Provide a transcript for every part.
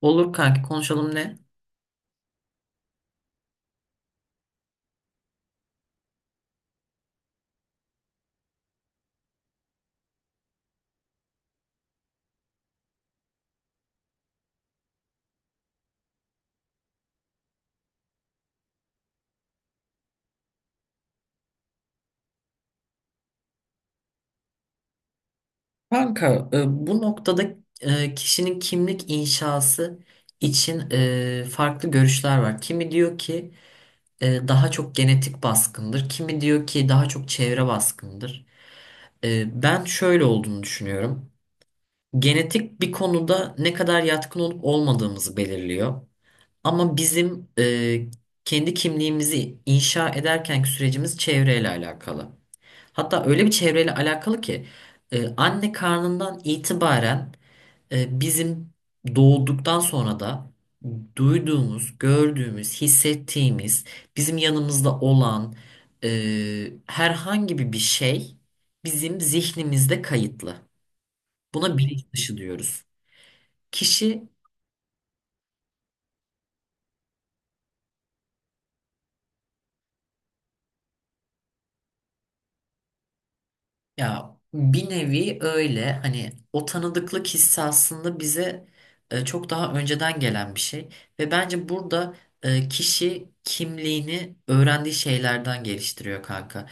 Olur kanki, konuşalım, ne? Kanka, bu noktada kişinin kimlik inşası için farklı görüşler var. Kimi diyor ki daha çok genetik baskındır. Kimi diyor ki daha çok çevre baskındır. Ben şöyle olduğunu düşünüyorum. Genetik bir konuda ne kadar yatkın olup olmadığımızı belirliyor. Ama bizim kendi kimliğimizi inşa ederkenki sürecimiz çevreyle alakalı. Hatta öyle bir çevreyle alakalı ki anne karnından itibaren e, bizim doğduktan sonra da duyduğumuz, gördüğümüz, hissettiğimiz, bizim yanımızda olan herhangi bir şey bizim zihnimizde kayıtlı. Buna bilinç dışı diyoruz. Kişi... Ya bir nevi öyle, hani o tanıdıklık hissi aslında bize çok daha önceden gelen bir şey ve bence burada kişi kimliğini öğrendiği şeylerden geliştiriyor kanka.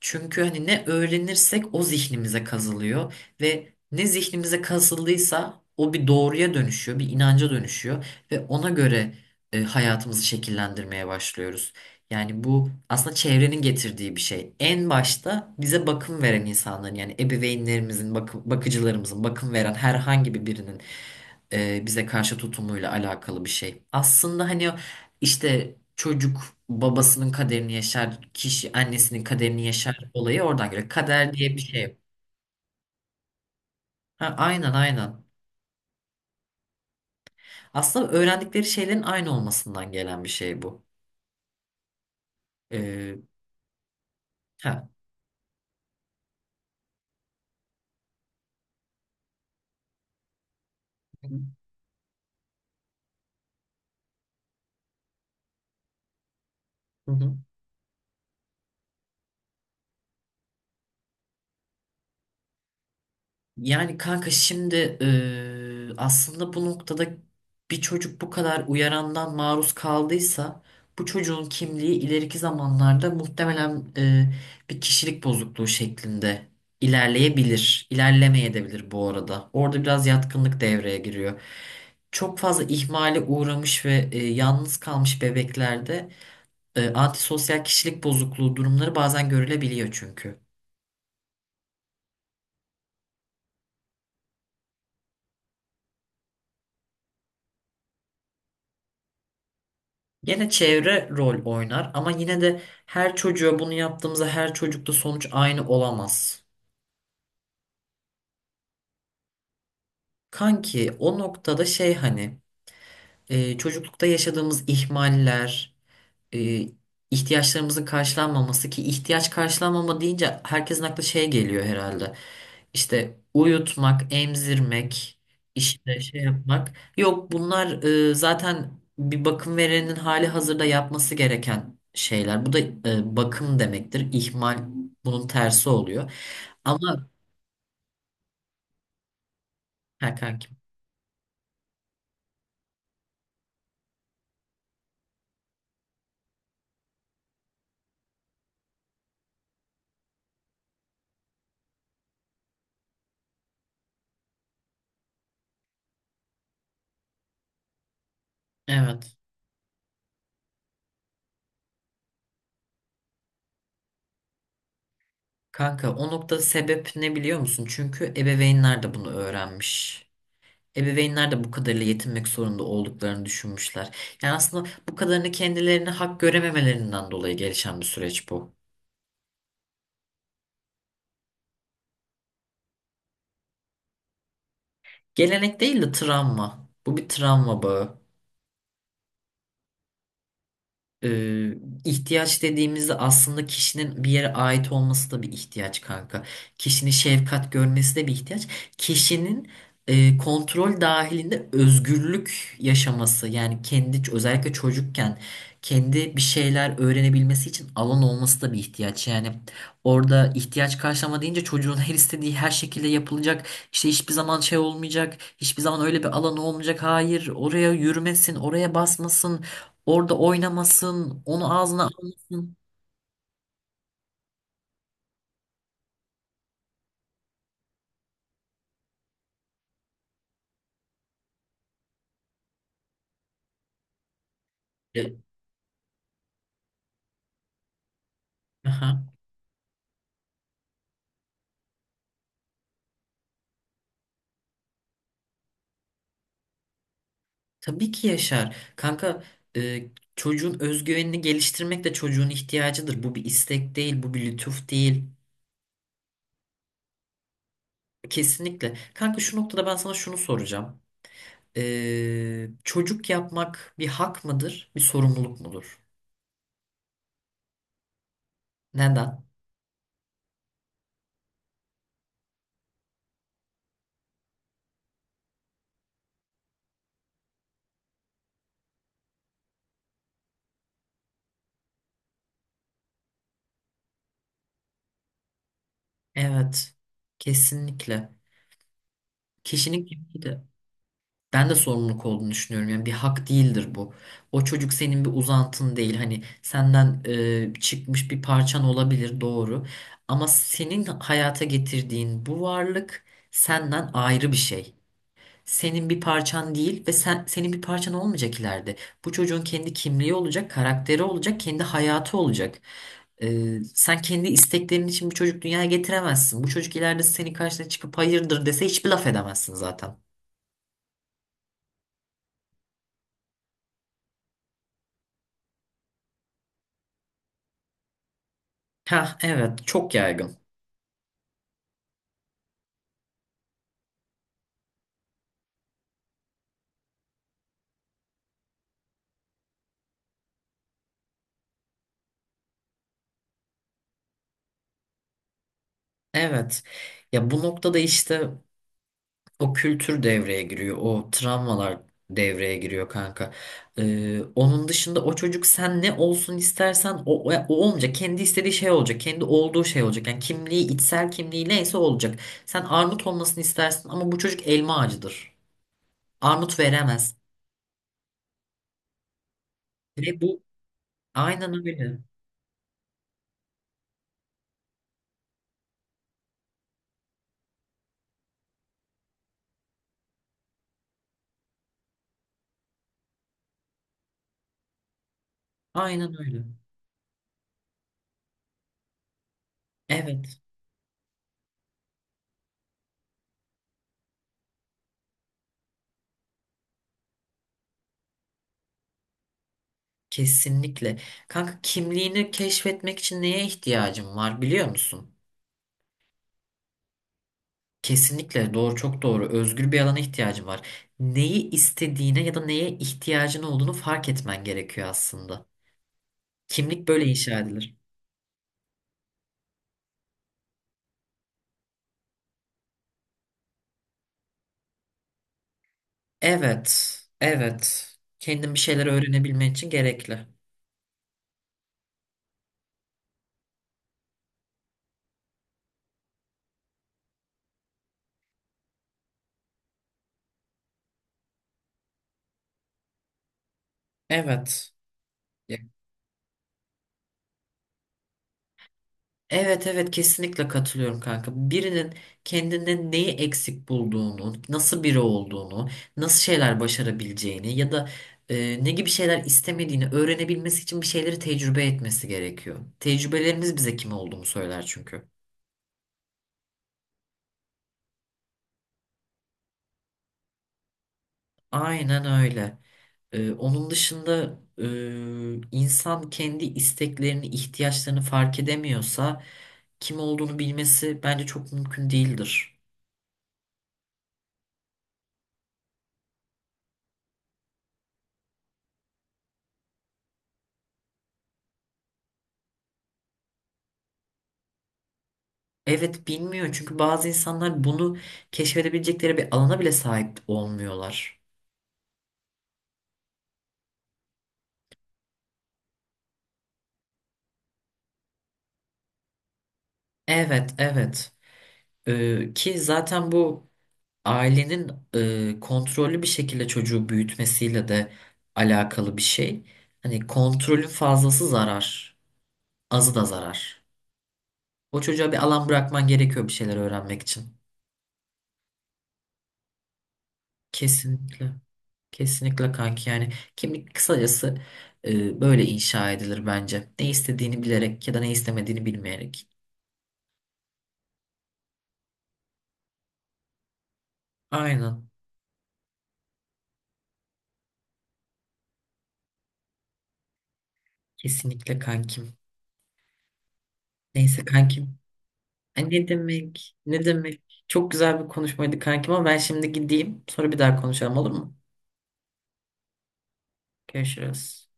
Çünkü hani ne öğrenirsek o zihnimize kazılıyor ve ne zihnimize kazıldıysa o bir doğruya dönüşüyor, bir inanca dönüşüyor ve ona göre hayatımızı şekillendirmeye başlıyoruz. Yani bu aslında çevrenin getirdiği bir şey. En başta bize bakım veren insanların, yani ebeveynlerimizin, bakıcılarımızın, bakım veren herhangi bir birinin bize karşı tutumuyla alakalı bir şey. Aslında hani o işte çocuk babasının kaderini yaşar, kişi annesinin kaderini yaşar olayı oradan geliyor. Kader diye bir şey yok. Ha, aynen aynen. Aslında öğrendikleri şeylerin aynı olmasından gelen bir şey bu. Ee, ha. Hı hı. Yani kanka şimdi, aslında bu noktada bir çocuk bu kadar uyarandan maruz kaldıysa bu çocuğun kimliği ileriki zamanlarda muhtemelen bir kişilik bozukluğu şeklinde ilerleyebilir. İlerlemeyebilir bu arada. Orada biraz yatkınlık devreye giriyor. Çok fazla ihmale uğramış ve yalnız kalmış bebeklerde antisosyal kişilik bozukluğu durumları bazen görülebiliyor çünkü. Gene çevre rol oynar ama yine de her çocuğa bunu yaptığımızda her çocukta sonuç aynı olamaz. Kanki, o noktada şey, hani çocuklukta yaşadığımız ihmaller, e, ihtiyaçlarımızın karşılanmaması ki ihtiyaç karşılanmama deyince herkesin aklı şey geliyor herhalde. İşte uyutmak, emzirmek, işte şey yapmak. Yok, bunlar zaten bir bakım verenin hali hazırda yapması gereken şeyler. Bu da bakım demektir. İhmal bunun tersi oluyor. Ama... ha kankim. Evet. Kanka, o nokta sebep ne biliyor musun? Çünkü ebeveynler de bunu öğrenmiş. Ebeveynler de bu kadarıyla yetinmek zorunda olduklarını düşünmüşler. Yani aslında bu kadarını kendilerine hak görememelerinden dolayı gelişen bir süreç bu. Gelenek değil de travma. Bu bir travma bağı. Ee, ihtiyaç dediğimizde aslında kişinin bir yere ait olması da bir ihtiyaç kanka. Kişinin şefkat görmesi de bir ihtiyaç. Kişinin kontrol dahilinde özgürlük yaşaması, yani kendi özellikle çocukken kendi bir şeyler öğrenebilmesi için alan olması da bir ihtiyaç. Yani orada ihtiyaç karşılama deyince çocuğun her istediği her şekilde yapılacak. İşte hiçbir zaman şey olmayacak. Hiçbir zaman öyle bir alan olmayacak. Hayır, oraya yürümesin, oraya basmasın. Orada oynamasın, onu ağzına almasın. E, aha. Tabii ki yaşar. Kanka, çocuğun özgüvenini geliştirmek de çocuğun ihtiyacıdır. Bu bir istek değil, bu bir lütuf değil. Kesinlikle. Kanka, şu noktada ben sana şunu soracağım. Çocuk yapmak bir hak mıdır, bir sorumluluk mudur? Neden? Evet. Kesinlikle. Kişinin kimliği de. Ben de sorumluluk olduğunu düşünüyorum. Yani bir hak değildir bu. O çocuk senin bir uzantın değil. Hani senden çıkmış bir parçan olabilir, doğru. Ama senin hayata getirdiğin bu varlık senden ayrı bir şey. Senin bir parçan değil ve sen senin bir parçan olmayacak ileride. Bu çocuğun kendi kimliği olacak, karakteri olacak, kendi hayatı olacak. Sen kendi isteklerin için bir çocuk dünyaya getiremezsin. Bu çocuk ileride senin karşına çıkıp hayırdır dese hiçbir laf edemezsin zaten. Ha, evet çok yaygın. Evet. Ya, bu noktada işte o kültür devreye giriyor. O travmalar devreye giriyor kanka. Onun dışında o çocuk sen ne olsun istersen o, o olmayacak. Kendi istediği şey olacak. Kendi olduğu şey olacak. Yani kimliği, içsel kimliği neyse olacak. Sen armut olmasını istersin ama bu çocuk elma ağacıdır. Armut veremez. Ve bu... aynen öyle. Aynen öyle. Evet. Kesinlikle. Kanka, kimliğini keşfetmek için neye ihtiyacın var biliyor musun? Kesinlikle doğru, çok doğru. Özgür bir alana ihtiyacın var. Neyi istediğine ya da neye ihtiyacın olduğunu fark etmen gerekiyor aslında. Kimlik böyle inşa edilir. Evet, evet. Kendin bir şeyler öğrenebilmen için gerekli. Evet. Evet, evet kesinlikle katılıyorum kanka. Birinin kendinde neyi eksik bulduğunu, nasıl biri olduğunu, nasıl şeyler başarabileceğini ya da ne gibi şeyler istemediğini öğrenebilmesi için bir şeyleri tecrübe etmesi gerekiyor. Tecrübelerimiz bize kim olduğunu söyler çünkü. Aynen öyle. Onun dışında insan kendi isteklerini, ihtiyaçlarını fark edemiyorsa kim olduğunu bilmesi bence çok mümkün değildir. Evet, bilmiyor çünkü bazı insanlar bunu keşfedebilecekleri bir alana bile sahip olmuyorlar. Evet, evet. Ki zaten bu ailenin kontrollü bir şekilde çocuğu büyütmesiyle de alakalı bir şey. Hani kontrolün fazlası zarar, azı da zarar. O çocuğa bir alan bırakman gerekiyor bir şeyler öğrenmek için. Kesinlikle. Kesinlikle kanki, yani kimlik kısacası böyle inşa edilir bence. Ne istediğini bilerek ya da ne istemediğini bilmeyerek. Aynen. Kesinlikle kankim. Neyse kankim. Ay, ne demek? Ne demek? Çok güzel bir konuşmaydı kankim ama ben şimdi gideyim. Sonra bir daha konuşalım, olur mu? Görüşürüz.